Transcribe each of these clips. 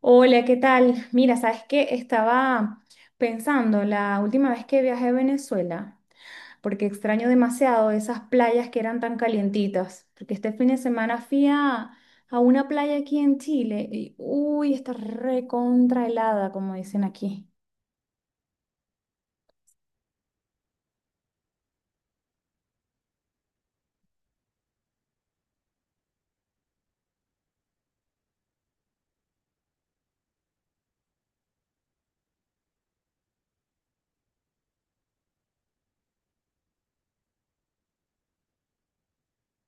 Hola, ¿qué tal? Mira, sabes que estaba pensando la última vez que viajé a Venezuela, porque extraño demasiado esas playas que eran tan calientitas, porque este fin de semana fui a una playa aquí en Chile y uy, está recontra helada, como dicen aquí.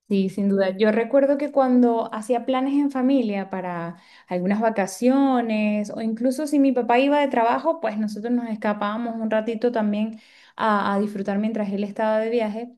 Sí, sin duda. Yo recuerdo que cuando hacía planes en familia para algunas vacaciones o incluso si mi papá iba de trabajo, pues nosotros nos escapábamos un ratito también a disfrutar mientras él estaba de viaje.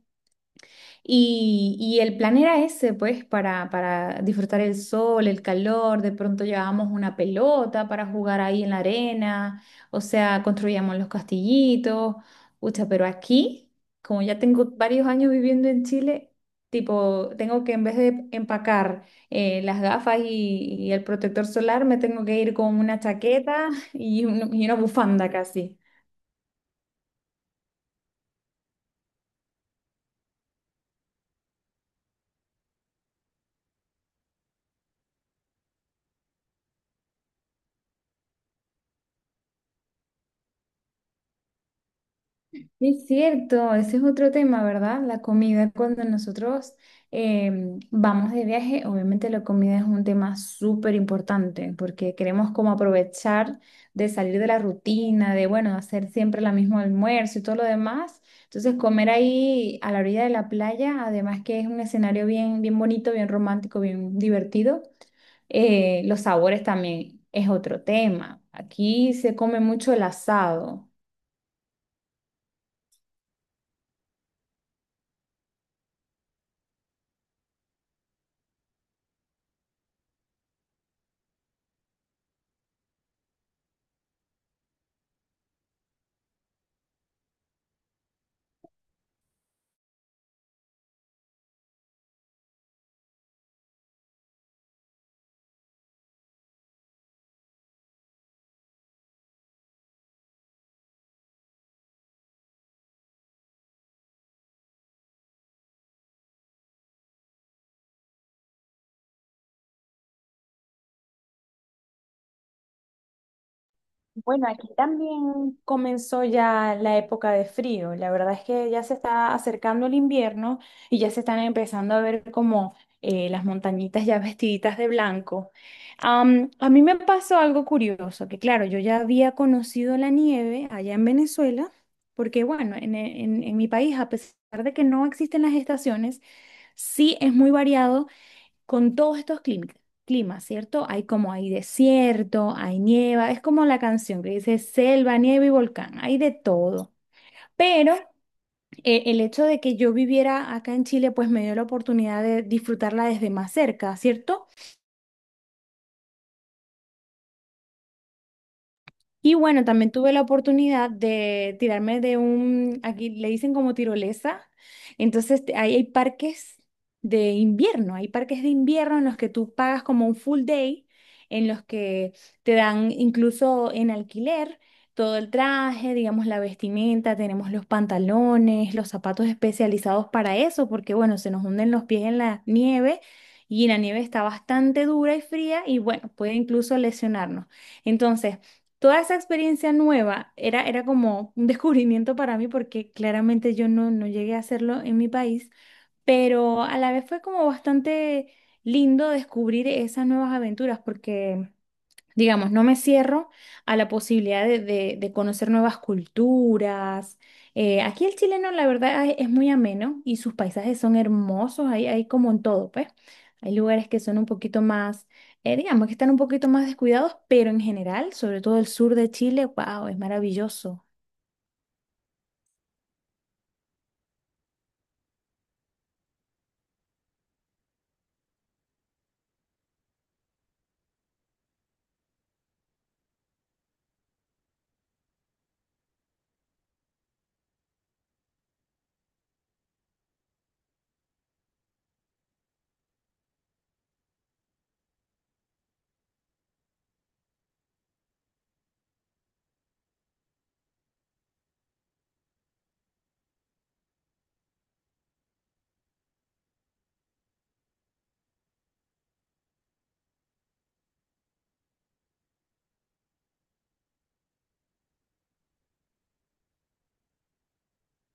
Y el plan era ese, pues, para disfrutar el sol, el calor, de pronto llevábamos una pelota para jugar ahí en la arena, o sea, construíamos los castillitos, ucha, pero aquí, como ya tengo varios años viviendo en Chile, tipo, tengo que en vez de empacar las gafas y el protector solar, me tengo que ir con una chaqueta y, y una bufanda casi. Es cierto, ese es otro tema, ¿verdad? La comida, cuando nosotros vamos de viaje, obviamente la comida es un tema súper importante porque queremos como aprovechar de salir de la rutina, de, bueno, hacer siempre la mismo almuerzo y todo lo demás. Entonces, comer ahí a la orilla de la playa, además que es un escenario bien, bien bonito, bien romántico, bien divertido. Los sabores también es otro tema. Aquí se come mucho el asado. Bueno, aquí también comenzó ya la época de frío. La verdad es que ya se está acercando el invierno y ya se están empezando a ver como las montañitas ya vestiditas de blanco. A mí me pasó algo curioso, que claro, yo ya había conocido la nieve allá en Venezuela, porque bueno, en en mi país, a pesar de que no existen las estaciones, sí es muy variado con todos estos climas, ¿cierto? Hay como hay desierto, hay nieva, es como la canción que dice selva, nieve y volcán, hay de todo. Pero el hecho de que yo viviera acá en Chile, pues me dio la oportunidad de disfrutarla desde más cerca, ¿cierto? Y bueno, también tuve la oportunidad de tirarme de un, aquí le dicen como tirolesa, entonces ahí hay parques de invierno, hay parques de invierno en los que tú pagas como un full day, en los que te dan incluso en alquiler todo el traje, digamos la vestimenta, tenemos los pantalones, los zapatos especializados para eso, porque bueno, se nos hunden los pies en la nieve y la nieve está bastante dura y fría y bueno, puede incluso lesionarnos. Entonces toda esa experiencia nueva era, era como un descubrimiento para mí porque claramente yo no, no llegué a hacerlo en mi país, pero a la vez fue como bastante lindo descubrir esas nuevas aventuras porque… Digamos, no me cierro a la posibilidad de, de conocer nuevas culturas. Aquí el chileno, la verdad, es muy ameno y sus paisajes son hermosos, hay como en todo, pues. Hay lugares que son un poquito más, digamos, que están un poquito más descuidados, pero en general, sobre todo el sur de Chile, wow, es maravilloso.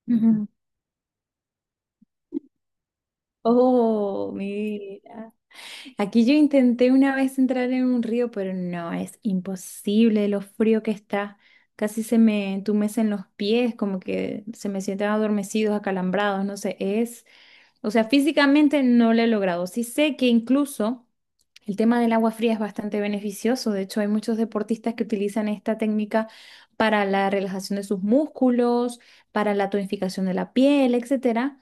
Ujú. Oh, mira. Aquí yo intenté una vez entrar en un río, pero no, es imposible lo frío que está. Casi se me entumecen los pies, como que se me sienten adormecidos, acalambrados, no sé, es, o sea, físicamente no lo he logrado. Sí sé que incluso el tema del agua fría es bastante beneficioso. De hecho, hay muchos deportistas que utilizan esta técnica para la relajación de sus músculos, para la tonificación de la piel, etcétera.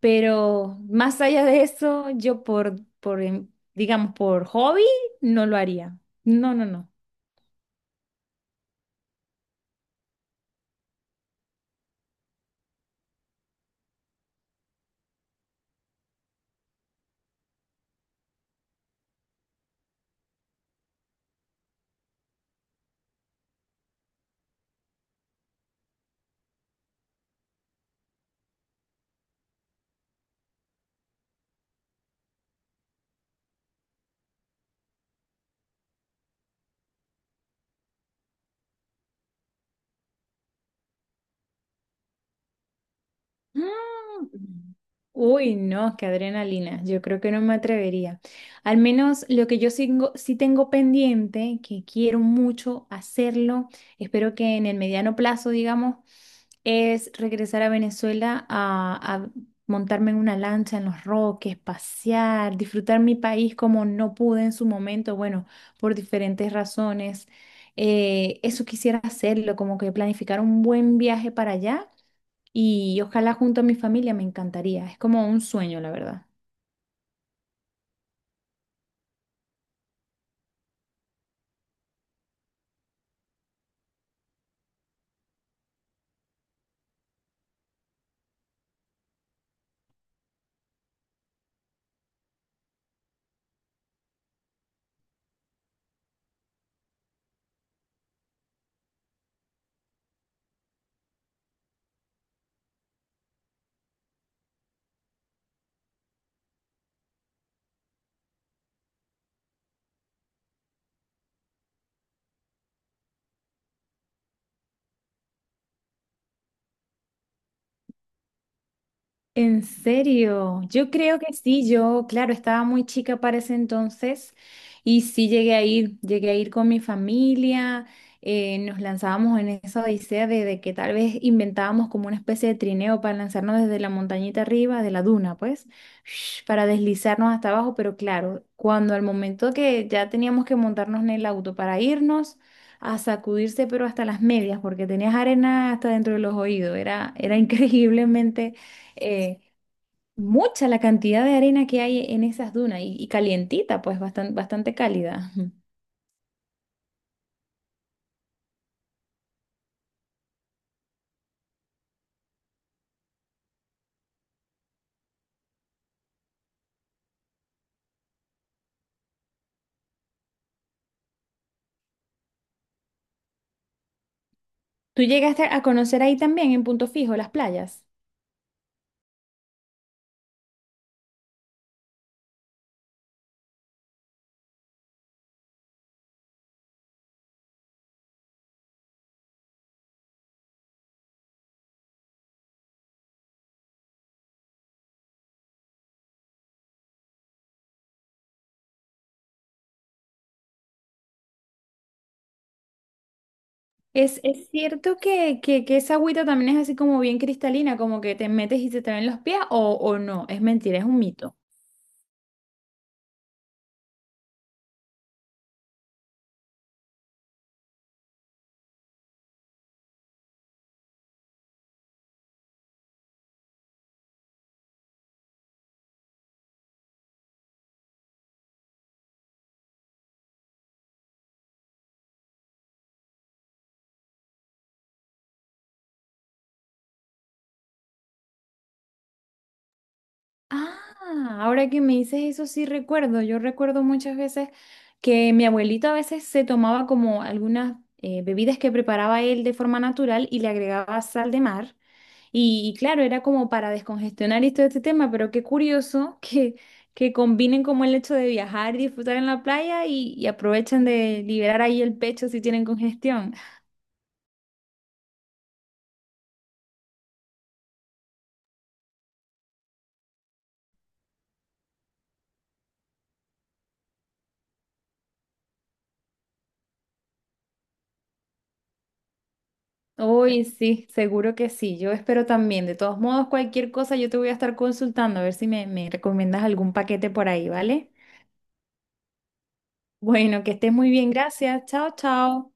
Pero más allá de eso, yo por, digamos, por hobby, no lo haría. No, no, no. Mm. Uy, no, qué adrenalina. Yo creo que no me atrevería. Al menos lo que yo sí tengo pendiente, que quiero mucho hacerlo, espero que en el mediano plazo, digamos, es regresar a Venezuela a montarme en una lancha en los Roques, pasear, disfrutar mi país como no pude en su momento, bueno, por diferentes razones. Eso quisiera hacerlo, como que planificar un buen viaje para allá y ojalá junto a mi familia me encantaría. Es como un sueño, la verdad. En serio, yo creo que sí, yo, claro, estaba muy chica para ese entonces y sí llegué a ir con mi familia, nos lanzábamos en esa odisea de que tal vez inventábamos como una especie de trineo para lanzarnos desde la montañita arriba, de la duna, pues, para deslizarnos hasta abajo, pero claro, cuando al momento que ya teníamos que montarnos en el auto para irnos a sacudirse, pero hasta las medias, porque tenías arena hasta dentro de los oídos, era, era increíblemente… eh, mucha la cantidad de arena que hay en esas dunas y calientita, pues bastante, bastante cálida. Ujú. ¿Tú llegaste a conocer ahí también en Punto Fijo las playas? Es cierto que esa agüita también es así como bien cristalina, como que te metes y se te ven los pies o no, es mentira, es un mito. Ah, ahora que me dices eso sí recuerdo. Yo recuerdo muchas veces que mi abuelito a veces se tomaba como algunas bebidas que preparaba él de forma natural y le agregaba sal de mar. Y claro, era como para descongestionar y todo este tema, pero qué curioso que combinen como el hecho de viajar y disfrutar en la playa y aprovechen de liberar ahí el pecho si tienen congestión. Uy, sí, seguro que sí. Yo espero también. De todos modos, cualquier cosa yo te voy a estar consultando a ver si me, me recomiendas algún paquete por ahí, ¿vale? Bueno, que estés muy bien. Gracias. Chao, chao.